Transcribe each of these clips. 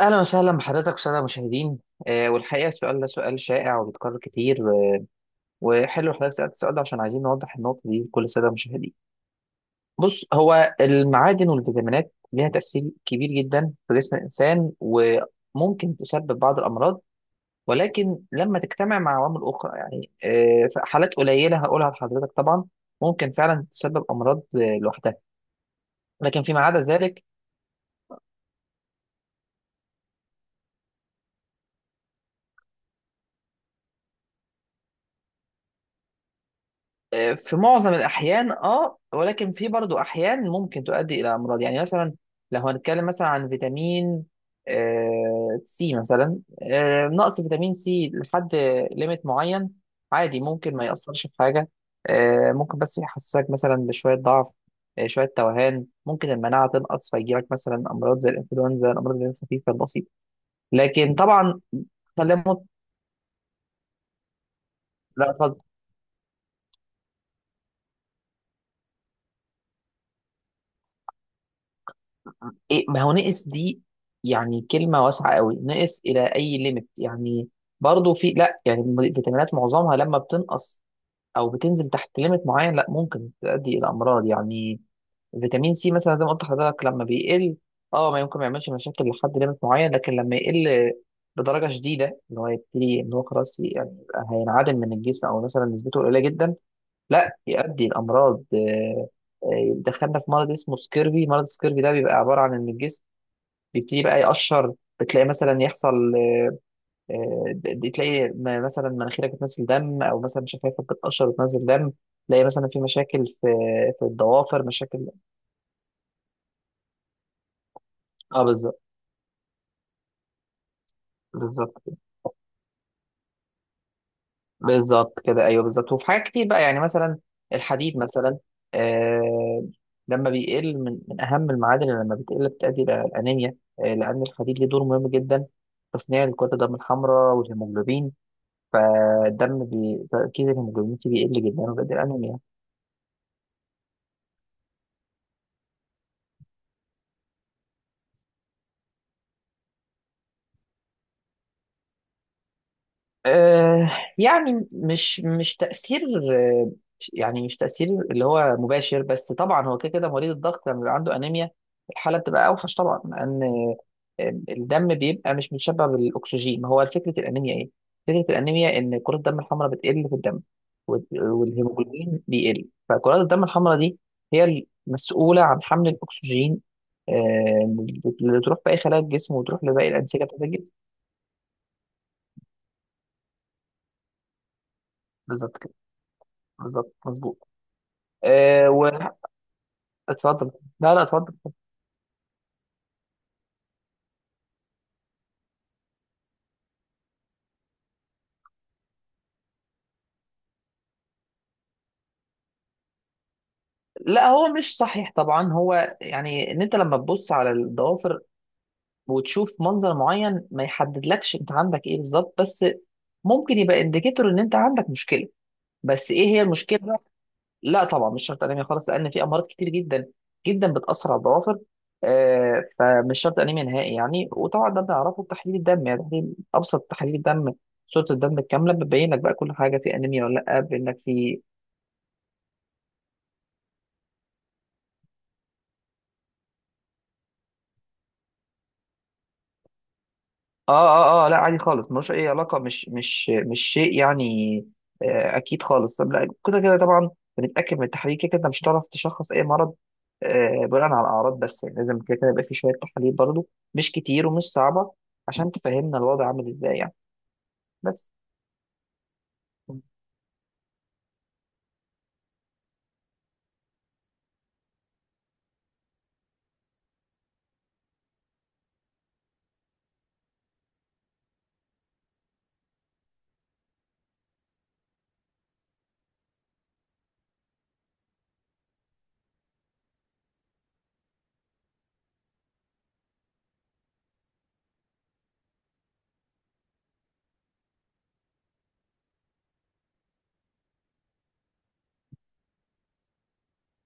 اهلا وسهلا بحضرتك، الساده المشاهدين. والحقيقه السؤال ده سؤال شائع وبيتكرر كتير. وحلو حضرتك سالت السؤال ده، عشان عايزين نوضح النقطه دي لكل الساده المشاهدين. بص، هو المعادن والفيتامينات ليها تاثير كبير جدا في جسم الانسان، وممكن تسبب بعض الامراض، ولكن لما تجتمع مع عوامل اخرى، يعني في حالات قليله هقولها لحضرتك طبعا، ممكن فعلا تسبب امراض لوحدها. لكن فيما عدا ذلك، في معظم الأحيان. اه ولكن في برضو أحيان ممكن تؤدي إلى أمراض، يعني مثلا لو هنتكلم مثلا عن فيتامين سي مثلا. نقص فيتامين سي لحد ليميت معين عادي، ممكن ما يأثرش في حاجة. ممكن بس يحسسك مثلا بشوية ضعف، شوية توهان، ممكن المناعة تنقص فيجيلك مثلا أمراض زي الإنفلونزا، الأمراض اللي هي الخفيفة البسيطة. لكن طبعا خلينا مت... لا، اتفضل. إيه، ما هو نقص دي يعني كلمة واسعة قوي، نقص إلى أي ليميت يعني. برضه في، لا يعني الفيتامينات معظمها لما بتنقص أو بتنزل تحت ليميت معين، لا، ممكن تؤدي إلى أمراض يعني. فيتامين سي مثلا زي ما قلت لحضرتك لما بيقل، اه ما يمكن ما يعملش مشاكل لحد ليميت معين، لكن لما يقل بدرجة شديدة، اللي هو يبتدي إن هو خلاص يعني هينعدم من الجسم، أو مثلا نسبته قليلة جدا، لا، يؤدي لأمراض. دخلنا في مرض اسمه سكيرفي. مرض سكيرفي ده بيبقى عبارة عن إن الجسم بيبتدي بقى يقشر. بتلاقي مثلا يحصل، تلاقي مثلا مناخيرك بتنزل دم، او مثلا شفايفك بتقشر وتنزل دم. تلاقي مثلا في مشاكل في الضوافر، مشاكل. اه بالظبط. بالظبط. بالظبط كده، ايوه، بالظبط. وفي حاجات كتير بقى، يعني مثلا الحديد مثلا. آه لما بيقل، من اهم المعادن اللي لما بتقل بتؤدي الى الانيميا، لان الحديد ليه دور مهم جدا في تصنيع الكرات الدم الحمراء والهيموجلوبين. فالدم تركيز الهيموجلوبين فيه بيقل جدا، وبيؤدي الانيميا. آه، يعني مش تأثير، آه، يعني مش تأثير اللي هو مباشر، بس طبعا هو كده كده مريض الضغط لما بيبقى عنده أنيميا الحالة بتبقى أوحش طبعا، لأن الدم بيبقى مش متشبع بالأكسجين. ما هو فكرة الأنيميا إيه؟ فكرة الأنيميا إن كرات الدم الحمراء بتقل في الدم، وال- والهيموجلوبين بيقل، فكرات الدم الحمراء دي هي المسؤولة عن حمل الأكسجين، آه، اللي تروح في أي خلايا الجسم وتروح لباقي الأنسجة بتاعت الجسم. بالظبط كده. بالظبط، مظبوط. ااا وأتفضل. لا، لا، أتفضل. لا، هو مش صحيح طبعا. هو يعني ان أنت لما ببص على الدوافر وتشوف منظر معين، ما يحدد لكش أنت عندك إيه بالضبط، بس ممكن يبقى إنديكتور إن أنت عندك مشكلة. بس إيه هي المشكلة بقى؟ لا طبعا مش شرط أنني خلاص، سألنا فيه أمراض كتير جدا جدا بتأثر الدوافر، فمش شرط أنني منهي يعني. وطبعا ده نعرفه بالتحليل دم، يعني تحلي، أبسط تحليل دم، صورة دمك كاملة، ببين لك بقى كل حاجة، في أنمي ولا لأ، بأنك في. اه، اه، اه، لا، عادي خالص، ملوش اي علاقه، مش شيء يعني. اكيد خالص. طب لا، كده كده طبعا بنتاكد من التحاليل، كده كده مش هتعرف تشخص اي مرض بناء على الاعراض بس يعني، لازم كده كده يبقى في شويه تحاليل برضو، مش كتير ومش صعبه، عشان تفهمنا الوضع عامل ازاي يعني. بس.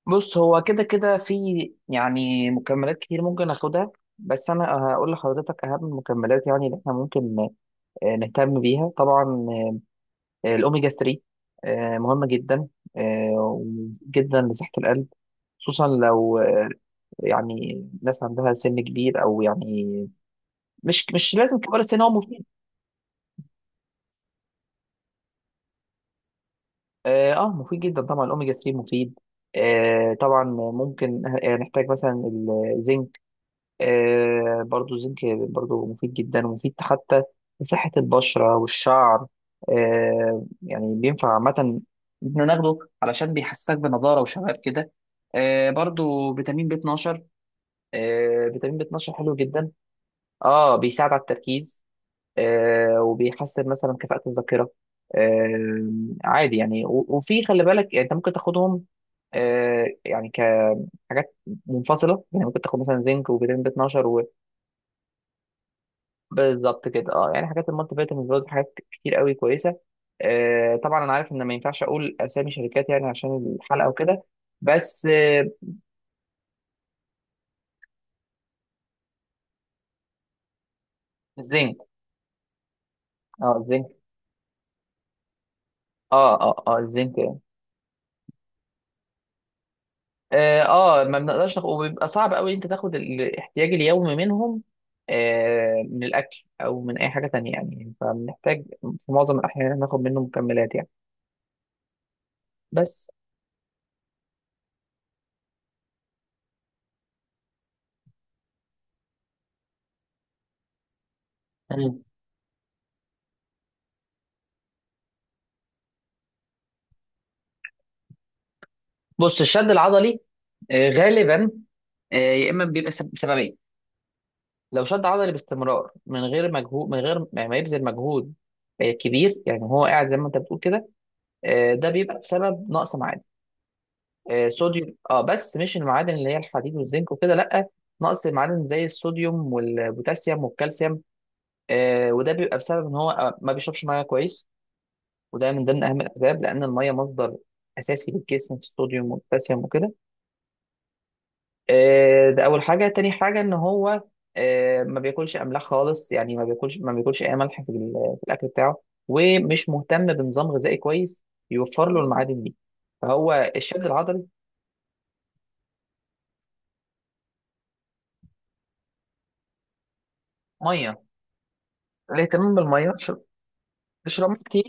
بص، هو كده كده في يعني مكملات كتير ممكن اخدها، بس انا هقول لحضرتك اهم المكملات، يعني اللي احنا ممكن نهتم بيها طبعا. الأوميجا 3 مهمة جدا، آه، جدا لصحة القلب، خصوصا لو يعني ناس عندها سن كبير، أو يعني مش لازم كبار السن، هو مفيد. اه، مفيد جدا طبعا، الأوميجا 3 مفيد، طبعا. ممكن نحتاج مثلا الزنك. برضو الزنك برضو مفيد جدا، ومفيد حتى لصحة البشرة والشعر. يعني بينفع عامة، إن إحنا ناخده علشان بيحسسك بنضارة وشباب كده. برضو فيتامين بي 12. فيتامين بي 12 حلو جدا، اه بيساعد على التركيز، وبيحسن مثلا كفاءة الذاكرة. آه، عادي يعني. و- وفي، خلي بالك، يعني انت ممكن تاخدهم يعني كحاجات منفصلة، يعني ممكن تاخد مثلا زنك وفيتامين بي 12. بالظبط كده. اه، يعني حاجات المالتي فيتامينز برضه حاجات كتير قوي كويسه. طبعا انا عارف ان ما ينفعش اقول اسامي شركات، يعني عشان الحلقه وكده. بس، الزنك. اه، الزنك. اه، اه، اه، الزنك يعني. اه، اه، ما بنقدرش ناخد، وبيبقى صعب قوي انت تاخد الاحتياج اليومي منهم، من الاكل او من اي حاجه تانية يعني، فبنحتاج في معظم الاحيان إن إحنا ناخد منه مكملات يعني. بس. مم. بص، الشد العضلي غالبا يا اما بيبقى بسببين. لو شد عضلي باستمرار من غير مجهود، من غير ما يبذل مجهود كبير، يعني هو قاعد زي ما انت بتقول كده، ده بيبقى بسبب نقص معادن، صوديوم، اه، بس مش المعادن اللي هي الحديد والزنك وكده، لا، نقص معادن زي الصوديوم والبوتاسيوم والكالسيوم. وده بيبقى بسبب ان هو ما بيشربش ميه كويس، وده من ضمن اهم الاسباب، لان الميه مصدر اساسي للجسم في الصوديوم والبوتاسيوم وكده. ده اول حاجه. تاني حاجه، ان هو ما بياكلش املاح خالص، يعني ما بياكلش اي ملح في في الاكل بتاعه، ومش مهتم بنظام غذائي كويس يوفر له المعادن دي، فهو الشد العضلي. ميه، الاهتمام بالميه، اشرب اشرب كتير.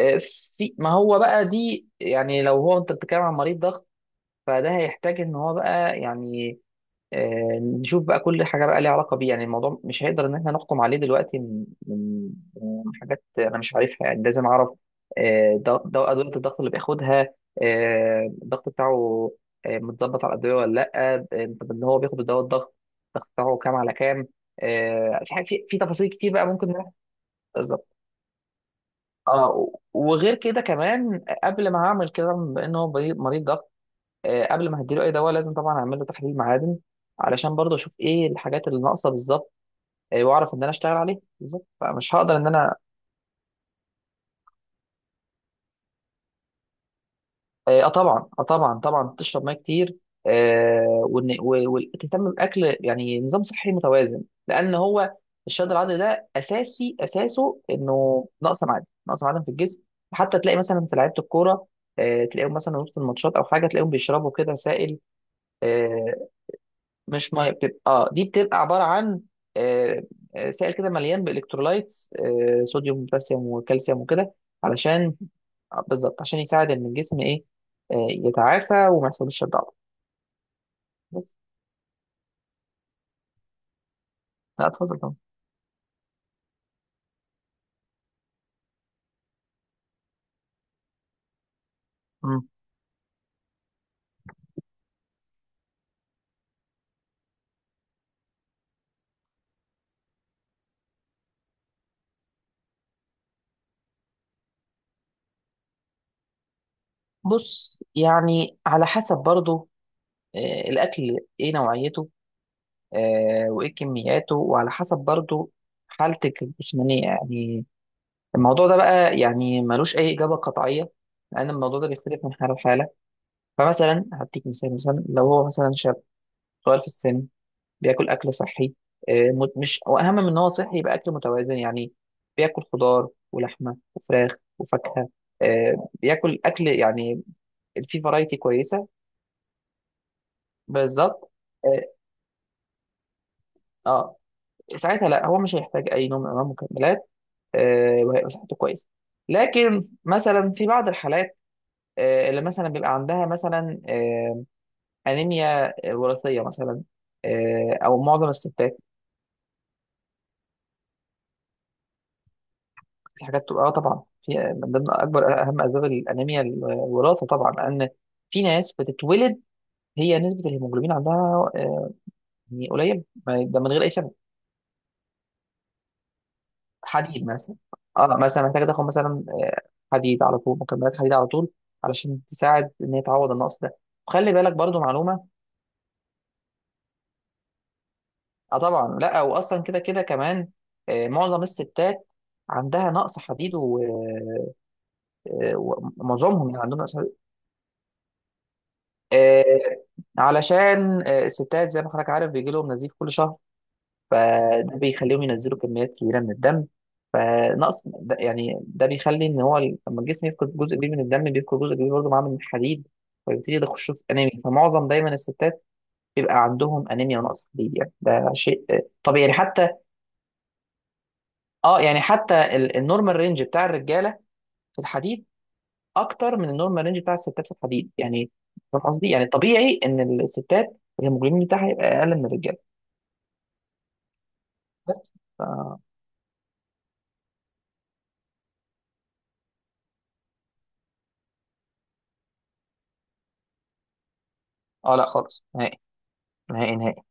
وفي، ما هو بقى دي، يعني لو هو انت بتتكلم عن مريض ضغط، فده هيحتاج ان هو بقى يعني نشوف بقى كل حاجه بقى ليها علاقه بيه، يعني الموضوع مش هيقدر ان احنا نحكم عليه دلوقتي من حاجات انا مش عارفها، يعني لازم اعرف ادويه الضغط اللي بياخدها، الضغط بتاعه متظبط على الادويه ولا لا، طب ان هو بياخد دواء الضغط، الضغط بتاعه كام على كام؟ في في تفاصيل كتير بقى، ممكن نروح. بالظبط، اه، وغير كده كمان قبل ما اعمل كده، بما ان هو مريض، مريض ضغط، قبل ما هديله اي دواء لازم طبعا اعمل له تحليل معادن، علشان برضه اشوف ايه الحاجات اللي ناقصه بالظبط، واعرف ان انا اشتغل عليها بالظبط، فمش هقدر ان انا، اه، طبعا، اه، طبعا، طبعا، تشرب ميه كتير، آه، وإن- و- وتهتم باكل، يعني نظام صحي متوازن، لان هو الشد العضلي ده اساسي، اساسه انه نقص معادن، نقص معادن في الجسم. حتى تلاقي مثلا في لعيبه الكوره، تلاقيهم مثلا وسط الماتشات او حاجه، تلاقيهم بيشربوا كده سائل، آه، مش ميه، بتبقى، اه، دي بتبقى عباره عن آه، سائل كده مليان بالكترولايتس، صوديوم وبوتاسيوم وكالسيوم وكده، علشان بالظبط عشان يساعد ان الجسم ايه، يتعافى وما يحصلش الضعف. بس. لا، اتفضل طبعا. مم. بص، يعني على حسب برضو الاكل ايه نوعيته وايه كمياته، وعلى حسب برضو حالتك الجسمانيه يعني. الموضوع ده بقى يعني ملوش اي اجابه قطعيه، لان الموضوع ده بيختلف من حاله لحاله. فمثلا هديك مثال، مثلا لو هو مثلا شاب صغير في السن، بياكل اكل صحي، مش واهم من ان هو صحي يبقى اكل متوازن، يعني بياكل خضار ولحمه وفراخ وفاكهه، بياكل اكل يعني فيه فرايتي كويسه. بالظبط. اه، آه، ساعتها لا، هو مش هيحتاج اي نوع من انواع المكملات، وهيبقى صحته كويسه. لكن مثلا في بعض الحالات اللي مثلا بيبقى عندها مثلا انيميا وراثيه مثلا، او معظم الستات، في حاجات تبقى، اه طبعا، في من ضمن اكبر، اهم اسباب الانيميا الوراثه طبعا، لان في ناس بتتولد هي نسبه الهيموجلوبين عندها يعني قليله، ده من غير اي سبب. حديد مثلا، اه مثلا محتاجه تاخد مثلا حديد على طول، مكملات حديد على طول، علشان تساعد ان هي تعوض النقص ده، وخلي بالك برضو معلومه. اه طبعا، لا، واصلا كده كده كمان معظم الستات عندها نقص حديد، ومعظمهم يعني عندهم نقص، آه، علشان الستات، زي ما حضرتك عارف، بيجي لهم نزيف كل شهر، فده بيخليهم ينزلوا كميات كبيره من الدم، فنقص ده يعني، ده بيخلي ان هو لما الجسم يفقد جزء كبير من الدم، بيفقد جزء كبير برضه معاه من الحديد، فبيبتدي ده خشوع انيمي. فمعظم دايما الستات بيبقى عندهم انيميا ونقص حديد، يعني ده شيء طبيعي يعني، حتى، اه يعني حتى النورمال رينج بتاع الرجاله في الحديد اكتر من النورمال رينج بتاع الستات في الحديد، يعني فاهم قصدي؟ يعني طبيعي ان الستات الهيموجلوبين بتاعها يبقى اقل من الرجاله. بس، ف... اه، لا، خالص، نهائي، نهائي، نهائي.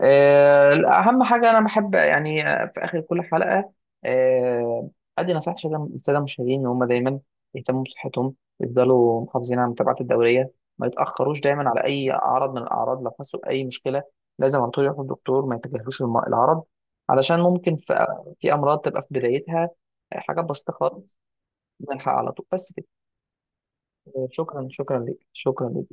لا، اهم حاجه انا بحب، يعني في اخر كل حلقه آه، ادي نصيحه للساده، للسادة المشاهدين، ان هم دايما يهتموا بصحتهم، يفضلوا محافظين على متابعه الدوريه، ما يتاخروش دايما على اي عرض من الاعراض، لو حسوا باي مشكله لازم على طول يروحوا للدكتور، ما يتجاهلوش العرض، علشان ممكن في امراض تبقى في بدايتها، حاجات بسيطه خالص، نلحق على طول، بس كده. شكرا، شكرا ليك، شكرا.